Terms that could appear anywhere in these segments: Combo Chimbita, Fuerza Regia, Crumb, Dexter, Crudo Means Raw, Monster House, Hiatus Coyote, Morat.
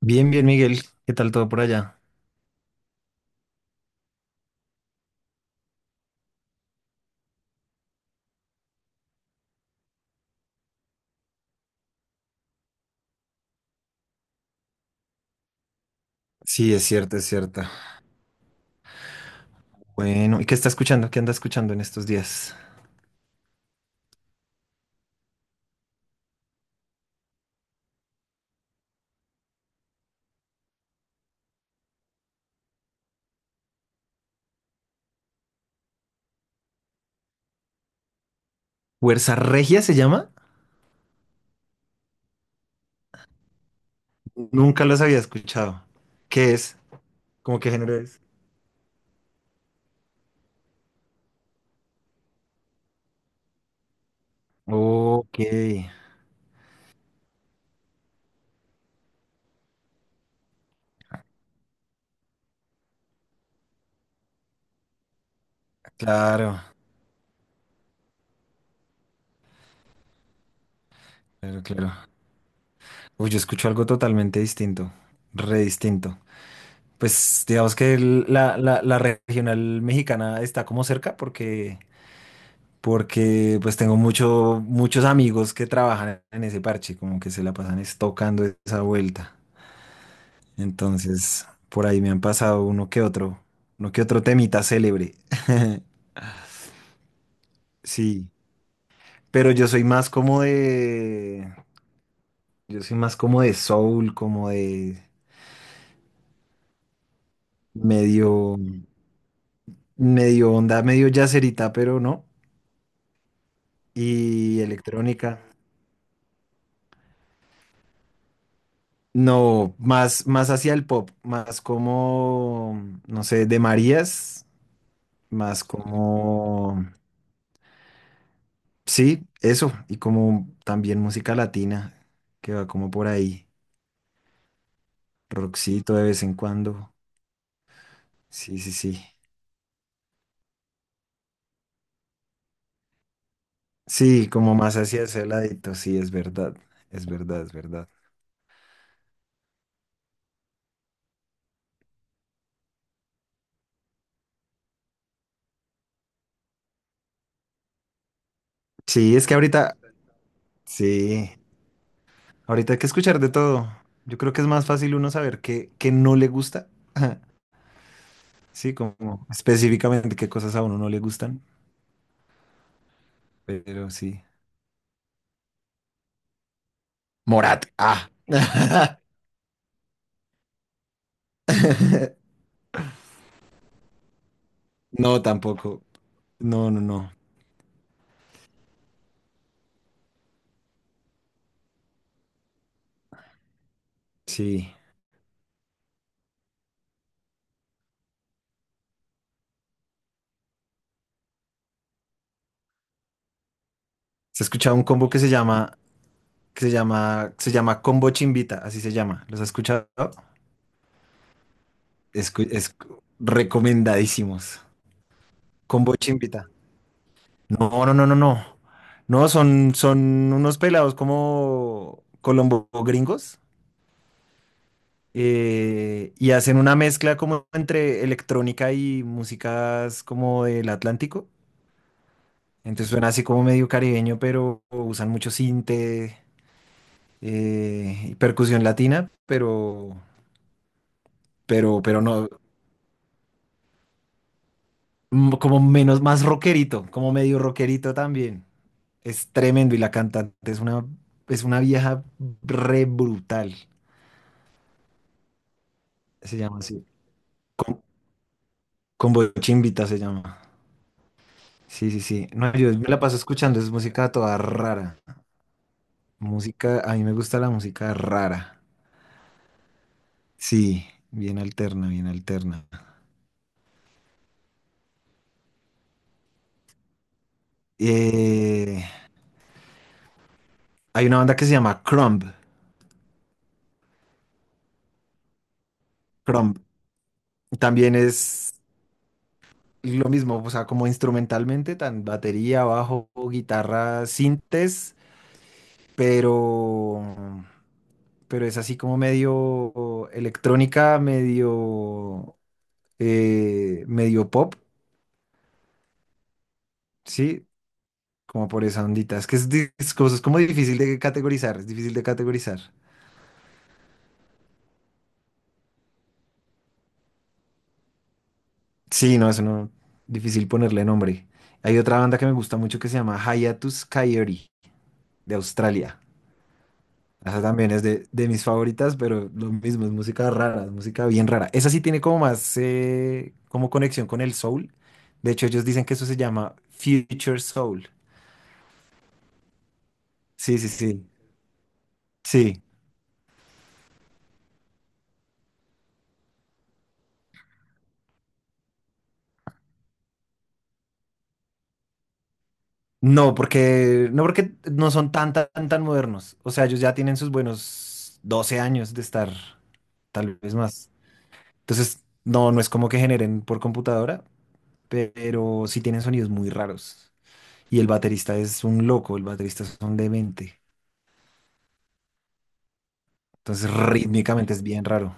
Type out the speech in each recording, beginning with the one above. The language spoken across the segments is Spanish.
Bien, bien, Miguel. ¿Qué tal todo por allá? Sí, es cierto, es cierto. Bueno, ¿y qué está escuchando? ¿Qué anda escuchando en estos días? ¿Fuerza Regia se llama? Nunca los había escuchado. ¿Qué es? ¿Cómo qué género es? Ok, claro, claro, claro. Uy, yo escucho algo totalmente distinto, re distinto. Pues digamos que la regional mexicana está como cerca porque porque pues tengo mucho, muchos amigos que trabajan en ese parche, como que se la pasan es tocando esa vuelta. Entonces, por ahí me han pasado uno que otro temita célebre. Sí, pero yo soy más como de soul, como de medio, medio onda, medio yacerita, pero no, y electrónica. No, más, más hacia el pop, más como, no sé, de Marías. Más como, sí, eso, y como también música latina, que va como por ahí, rockcito de vez en cuando, sí, sí, sí, sí, como más hacia ese ladito, sí, es verdad, es verdad, es verdad. Sí, es que ahorita, sí, ahorita hay que escuchar de todo, yo creo que es más fácil uno saber qué, qué no le gusta. Sí, como específicamente qué cosas a uno no le gustan, pero sí. Morat, ah. No, tampoco. No, no, no. Sí. Se ha escuchado un combo que se llama, se llama Combo Chimbita, así se llama. ¿Los has escuchado? Es recomendadísimos. Combo Chimbita. No, no, no, no, no. No, son, son unos pelados como colombo gringos, y hacen una mezcla como entre electrónica y músicas como del Atlántico. Entonces suena así como medio caribeño, pero usan mucho sinte. Y percusión latina, pero no, mm, como menos, más rockerito, como medio rockerito también. Es tremendo y la cantante es una vieja re brutal, se llama así. Con, con Bochimbita se llama. Sí, sí, sí. No, yo me la paso escuchando, es música toda rara. Música, a mí me gusta la música rara. Sí, bien alterna, bien alterna. Eh, Hay una banda que se llama Crumb. Crumb. También es lo mismo, o sea, como instrumentalmente, tan batería, bajo, guitarra, sintes, pero, pero es así como medio electrónica, medio, medio pop, ¿sí? Como por esa ondita. Es que es, es como difícil de categorizar, es difícil de categorizar. Sí, no, eso no, difícil ponerle nombre. Hay otra banda que me gusta mucho que se llama Hiatus Coyote, de Australia. Esa también es de mis favoritas, pero lo mismo, es música rara, es música bien rara. Esa sí tiene como más, como conexión con el soul. De hecho, ellos dicen que eso se llama Future Soul. Sí, sí, sí. Sí. No, porque no porque no son tan, tan, tan modernos. O sea, ellos ya tienen sus buenos 12 años de estar, tal vez más. Entonces, no, no es como que generen por computadora, pero sí tienen sonidos muy raros. Y el baterista es un loco, el baterista es un demente. Entonces, rítmicamente es bien raro.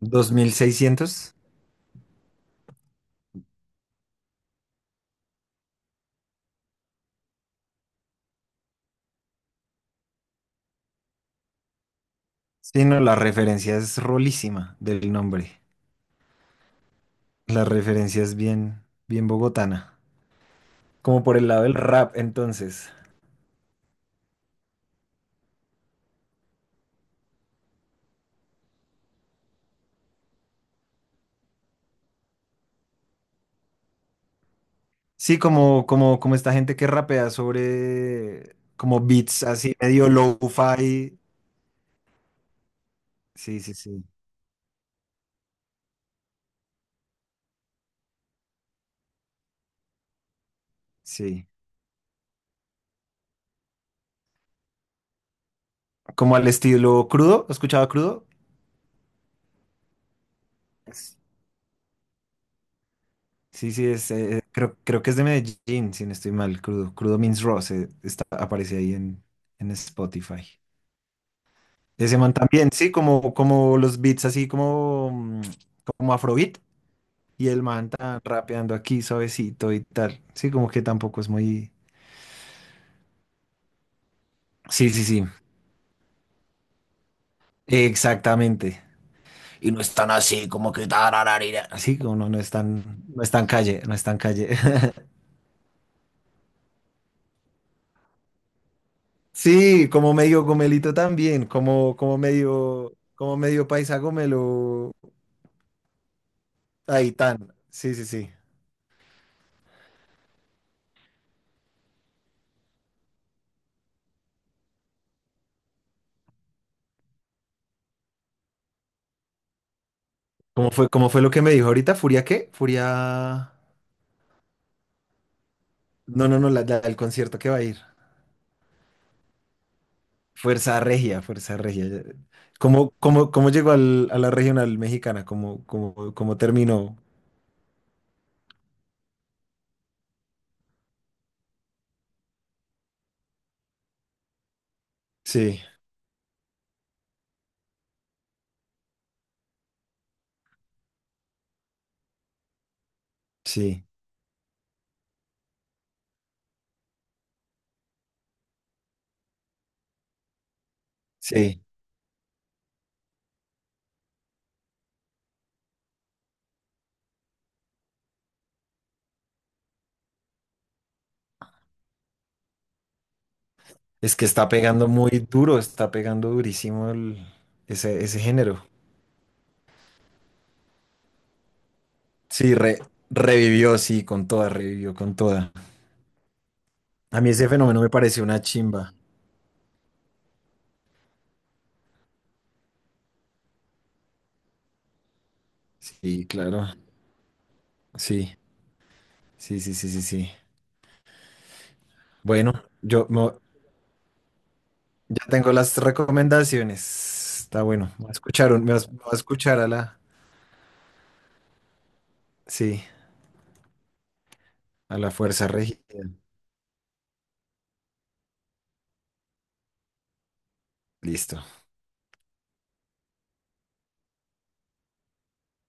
2600. Sí, no, la referencia es rolísima del nombre. La referencia es bien, bien bogotana. Como por el lado del rap, entonces. Sí, como, como, como esta gente que rapea sobre como beats así medio lo-fi. Sí, sí, sí, sí. Como al estilo crudo. ¿Has escuchado crudo? Es- Sí, sí, es, creo, creo que es de Medellín, si no estoy mal, crudo. Crudo Means Raw está, aparece ahí en Spotify. Ese man también, sí, como, como los beats así como, mm, como afrobeat. Y el man tan rapeando aquí suavecito y tal. Sí, como que tampoco es muy. Sí, sí, sí. Exactamente. Y no es tan así, como que tarararira. Así como no, no es tan, no es tan calle, no es tan calle. Sí, como medio gomelito también, como, como medio paisa gomelo. Ahí tan. Sí, sí, sí. Cómo fue lo que me dijo ahorita? ¿Furia qué? Furia. No, no, no, el concierto que va a ir. Fuerza Regia, Fuerza Regia. ¿Cómo, cómo, cómo llegó a la regional mexicana? ¿Cómo, cómo, cómo terminó? Sí, sí, sí. Es que está pegando muy duro, está pegando durísimo ese, ese género. Sí, revivió, sí, con toda, revivió con toda. A mí ese fenómeno me pareció una chimba. Sí, claro. Sí, sí, sí, sí, sí, sí. Bueno, yo, me- ya tengo las recomendaciones. Está bueno. Me escucharon, me va a escuchar a la, sí, a la fuerza regida. Listo.